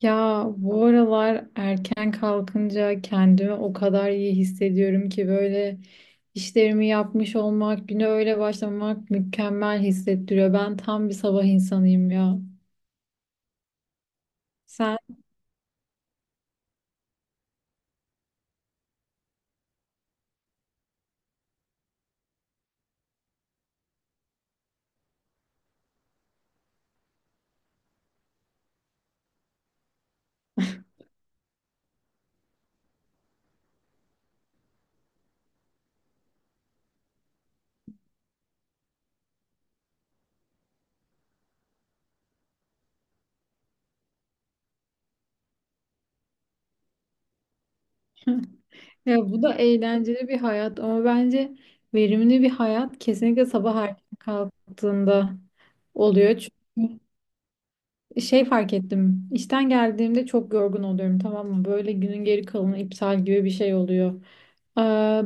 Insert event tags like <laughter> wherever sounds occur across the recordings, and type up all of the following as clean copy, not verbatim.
Ya bu aralar erken kalkınca kendimi o kadar iyi hissediyorum ki böyle işlerimi yapmış olmak, güne öyle başlamak mükemmel hissettiriyor. Ben tam bir sabah insanıyım ya. Sen. Ya bu da eğlenceli bir hayat ama bence verimli bir hayat kesinlikle sabah erken kalktığında oluyor. Çünkü şey fark ettim. İşten geldiğimde çok yorgun oluyorum, tamam mı? Böyle günün geri kalanı iptal gibi bir şey oluyor. Ee,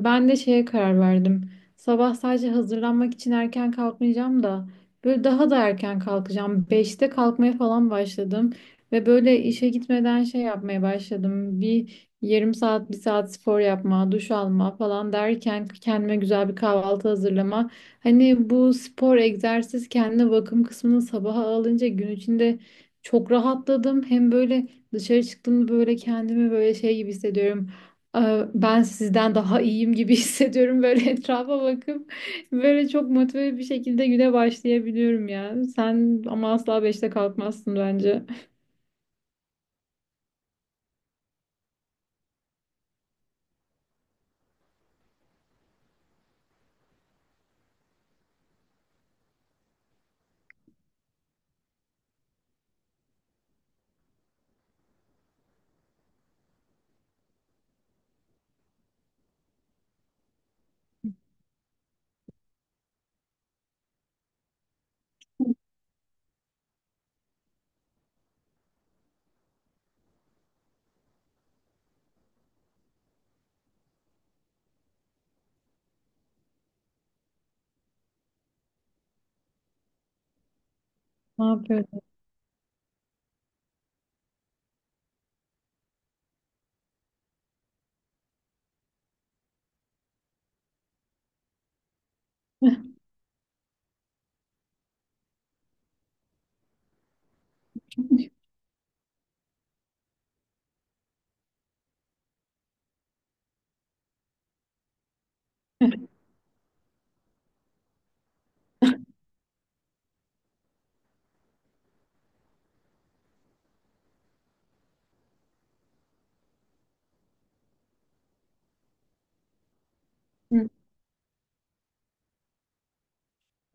Ben de şeye karar verdim. Sabah sadece hazırlanmak için erken kalkmayacağım da böyle daha da erken kalkacağım. Beşte kalkmaya falan başladım ve böyle işe gitmeden şey yapmaya başladım. Bir yarım saat, bir saat spor yapma, duş alma falan derken kendime güzel bir kahvaltı hazırlama. Hani bu spor, egzersiz, kendine bakım kısmını sabaha alınca gün içinde çok rahatladım. Hem böyle dışarı çıktığımda böyle kendimi böyle şey gibi hissediyorum. Ben sizden daha iyiyim gibi <laughs> hissediyorum, böyle etrafa bakıp böyle çok motive bir şekilde güne başlayabiliyorum ya. Sen ama asla beşte kalkmazsın bence. Ne yapıyorsun?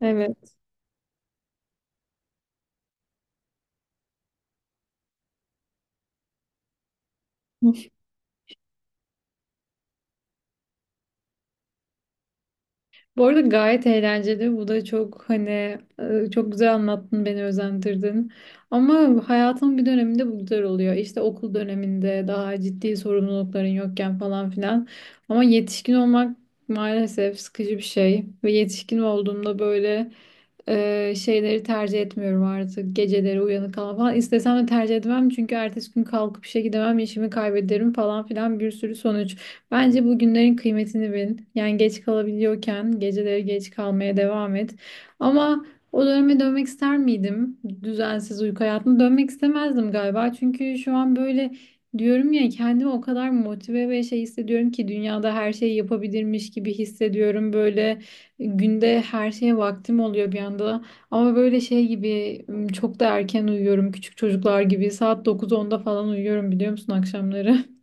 <laughs> Evet. Bu arada gayet eğlenceli. Bu da çok hani çok güzel anlattın, beni özendirdin. Ama hayatın bir döneminde bu güzel oluyor. İşte okul döneminde daha ciddi sorumlulukların yokken falan filan. Ama yetişkin olmak maalesef sıkıcı bir şey. Ve yetişkin olduğumda böyle şeyleri tercih etmiyorum artık. Geceleri uyanık kalma falan. İstesem de tercih etmem. Çünkü ertesi gün kalkıp işe gidemem, işimi kaybederim falan filan, bir sürü sonuç. Bence bugünlerin kıymetini bil. Yani geç kalabiliyorken geceleri geç kalmaya devam et. Ama o döneme dönmek ister miydim? Düzensiz uyku hayatına dönmek istemezdim galiba. Çünkü şu an böyle diyorum ya, kendimi o kadar motive ve şey hissediyorum ki dünyada her şeyi yapabilirmiş gibi hissediyorum. Böyle günde her şeye vaktim oluyor bir anda. Ama böyle şey gibi çok da erken uyuyorum. Küçük çocuklar gibi saat 9-10'da falan uyuyorum, biliyor musun, akşamları?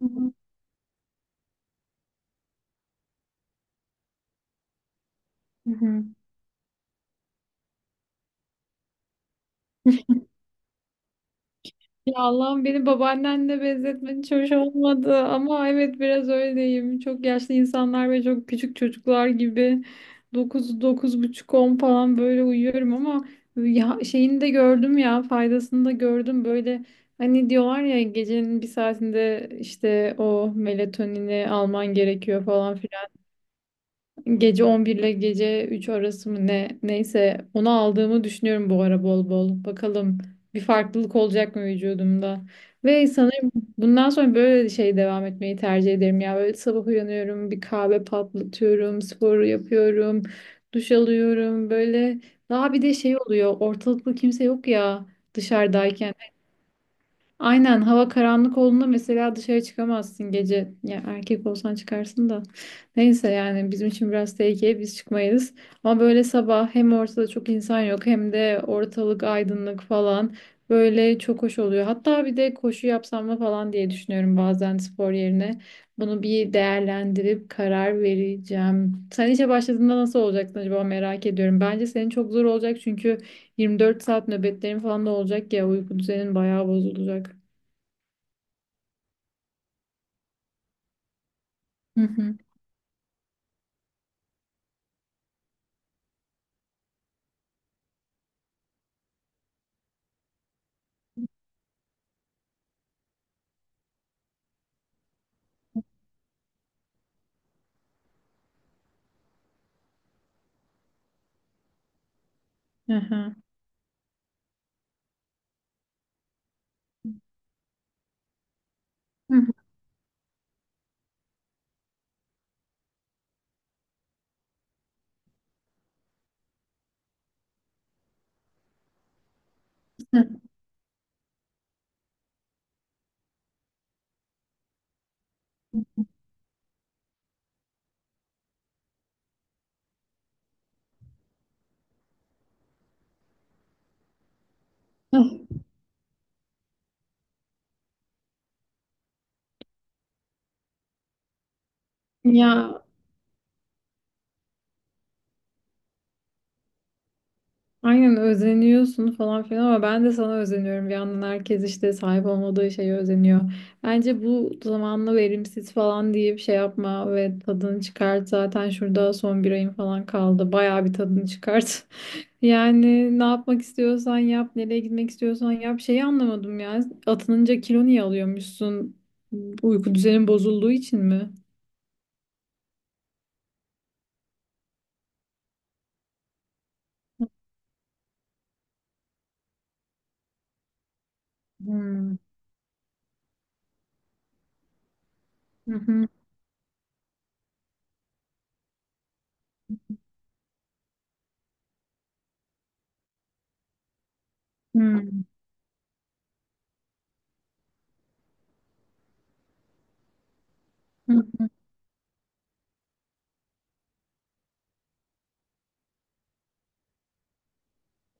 <laughs> Hı hı. Ya Allah'ım, beni babaannenle benzetmen hiç hoş olmadı ama evet, biraz öyleyim. Çok yaşlı insanlar ve çok küçük çocuklar gibi 9-9,5-10 falan böyle uyuyorum ama ya şeyini de gördüm ya, faydasını da gördüm. Böyle hani diyorlar ya, gecenin bir saatinde işte o melatonini alman gerekiyor falan. Gece 11 ile gece 3 arası mı ne, neyse onu aldığımı düşünüyorum bu ara bol bol. Bakalım bir farklılık olacak mı vücudumda? Ve sanırım bundan sonra böyle şey devam etmeyi tercih ederim ya. Böyle sabah uyanıyorum, bir kahve patlatıyorum, sporu yapıyorum, duş alıyorum. Böyle daha bir de şey oluyor. Ortalıkta kimse yok ya dışarıdayken. Aynen, hava karanlık olduğunda mesela dışarı çıkamazsın gece. Ya erkek olsan çıkarsın da. Neyse, yani bizim için biraz tehlikeli, biz çıkmayız. Ama böyle sabah hem ortada çok insan yok hem de ortalık aydınlık falan. Böyle çok hoş oluyor. Hatta bir de koşu yapsam mı falan diye düşünüyorum bazen, spor yerine. Bunu bir değerlendirip karar vereceğim. Sen işe başladığında nasıl olacaksın acaba, merak ediyorum. Bence senin çok zor olacak çünkü 24 saat nöbetlerin falan da olacak ya, uyku düzenin bayağı bozulacak. Hı hı. Hı hı. Hı hı. Ah. Ya aynen, özeniyorsun falan filan ama ben de sana özeniyorum. Bir yandan herkes işte sahip olmadığı şeye özeniyor. Bence bu zamanla verimsiz falan deyip şey yapma ve tadını çıkart. Zaten şurada son bir ayın falan kaldı. Bayağı bir tadını çıkart. <laughs> Yani ne yapmak istiyorsan yap, nereye gitmek istiyorsan yap. Şeyi anlamadım ya. Atınınca kilo niye alıyormuşsun? Uyku düzenin bozulduğu için mi? Hmm. Hı hı. Hmm.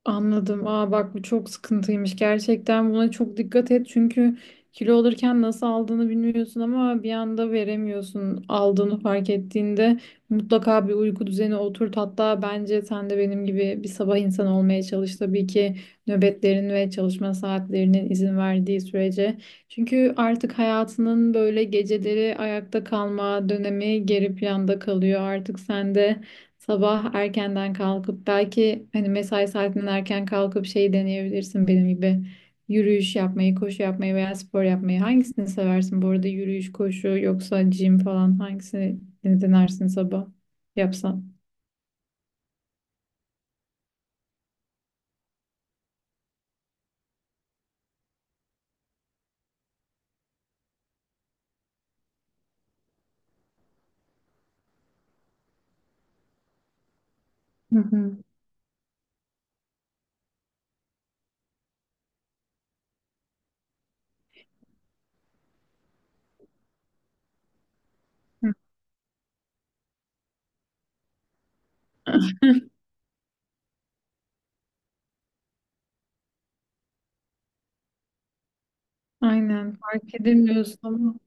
Anladım. Aa bak, bu çok sıkıntıymış. Gerçekten buna çok dikkat et. Çünkü kilo alırken nasıl aldığını bilmiyorsun ama bir anda veremiyorsun. Aldığını fark ettiğinde mutlaka bir uyku düzeni oturt. Hatta bence sen de benim gibi bir sabah insanı olmaya çalış. Tabii ki nöbetlerin ve çalışma saatlerinin izin verdiği sürece. Çünkü artık hayatının böyle geceleri ayakta kalma dönemi geri planda kalıyor. Artık sen de sabah erkenden kalkıp belki hani mesai saatinden erken kalkıp şey deneyebilirsin, benim gibi. Yürüyüş yapmayı, koşu yapmayı veya spor yapmayı. Hangisini seversin bu arada? Yürüyüş, koşu yoksa gym falan, hangisini denersin sabah yapsan? Hı hı. Aynen, fark edemiyorsun.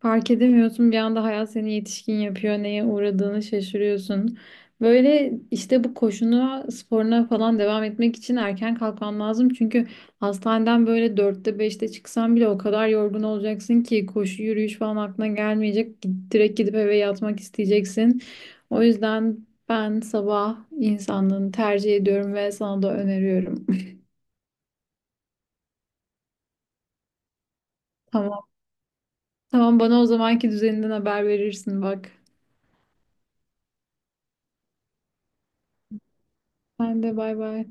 Fark edemiyorsun, bir anda hayat seni yetişkin yapıyor, neye uğradığını şaşırıyorsun. Böyle işte bu koşuna sporuna falan devam etmek için erken kalkman lazım. Çünkü hastaneden böyle dörtte beşte çıksan bile o kadar yorgun olacaksın ki koşu yürüyüş falan aklına gelmeyecek. Direkt gidip eve yatmak isteyeceksin. O yüzden ben sabah insanlığını tercih ediyorum ve sana da öneriyorum. <laughs> Tamam. Tamam, bana o zamanki düzeninden haber verirsin bak. Ben de, bay bay.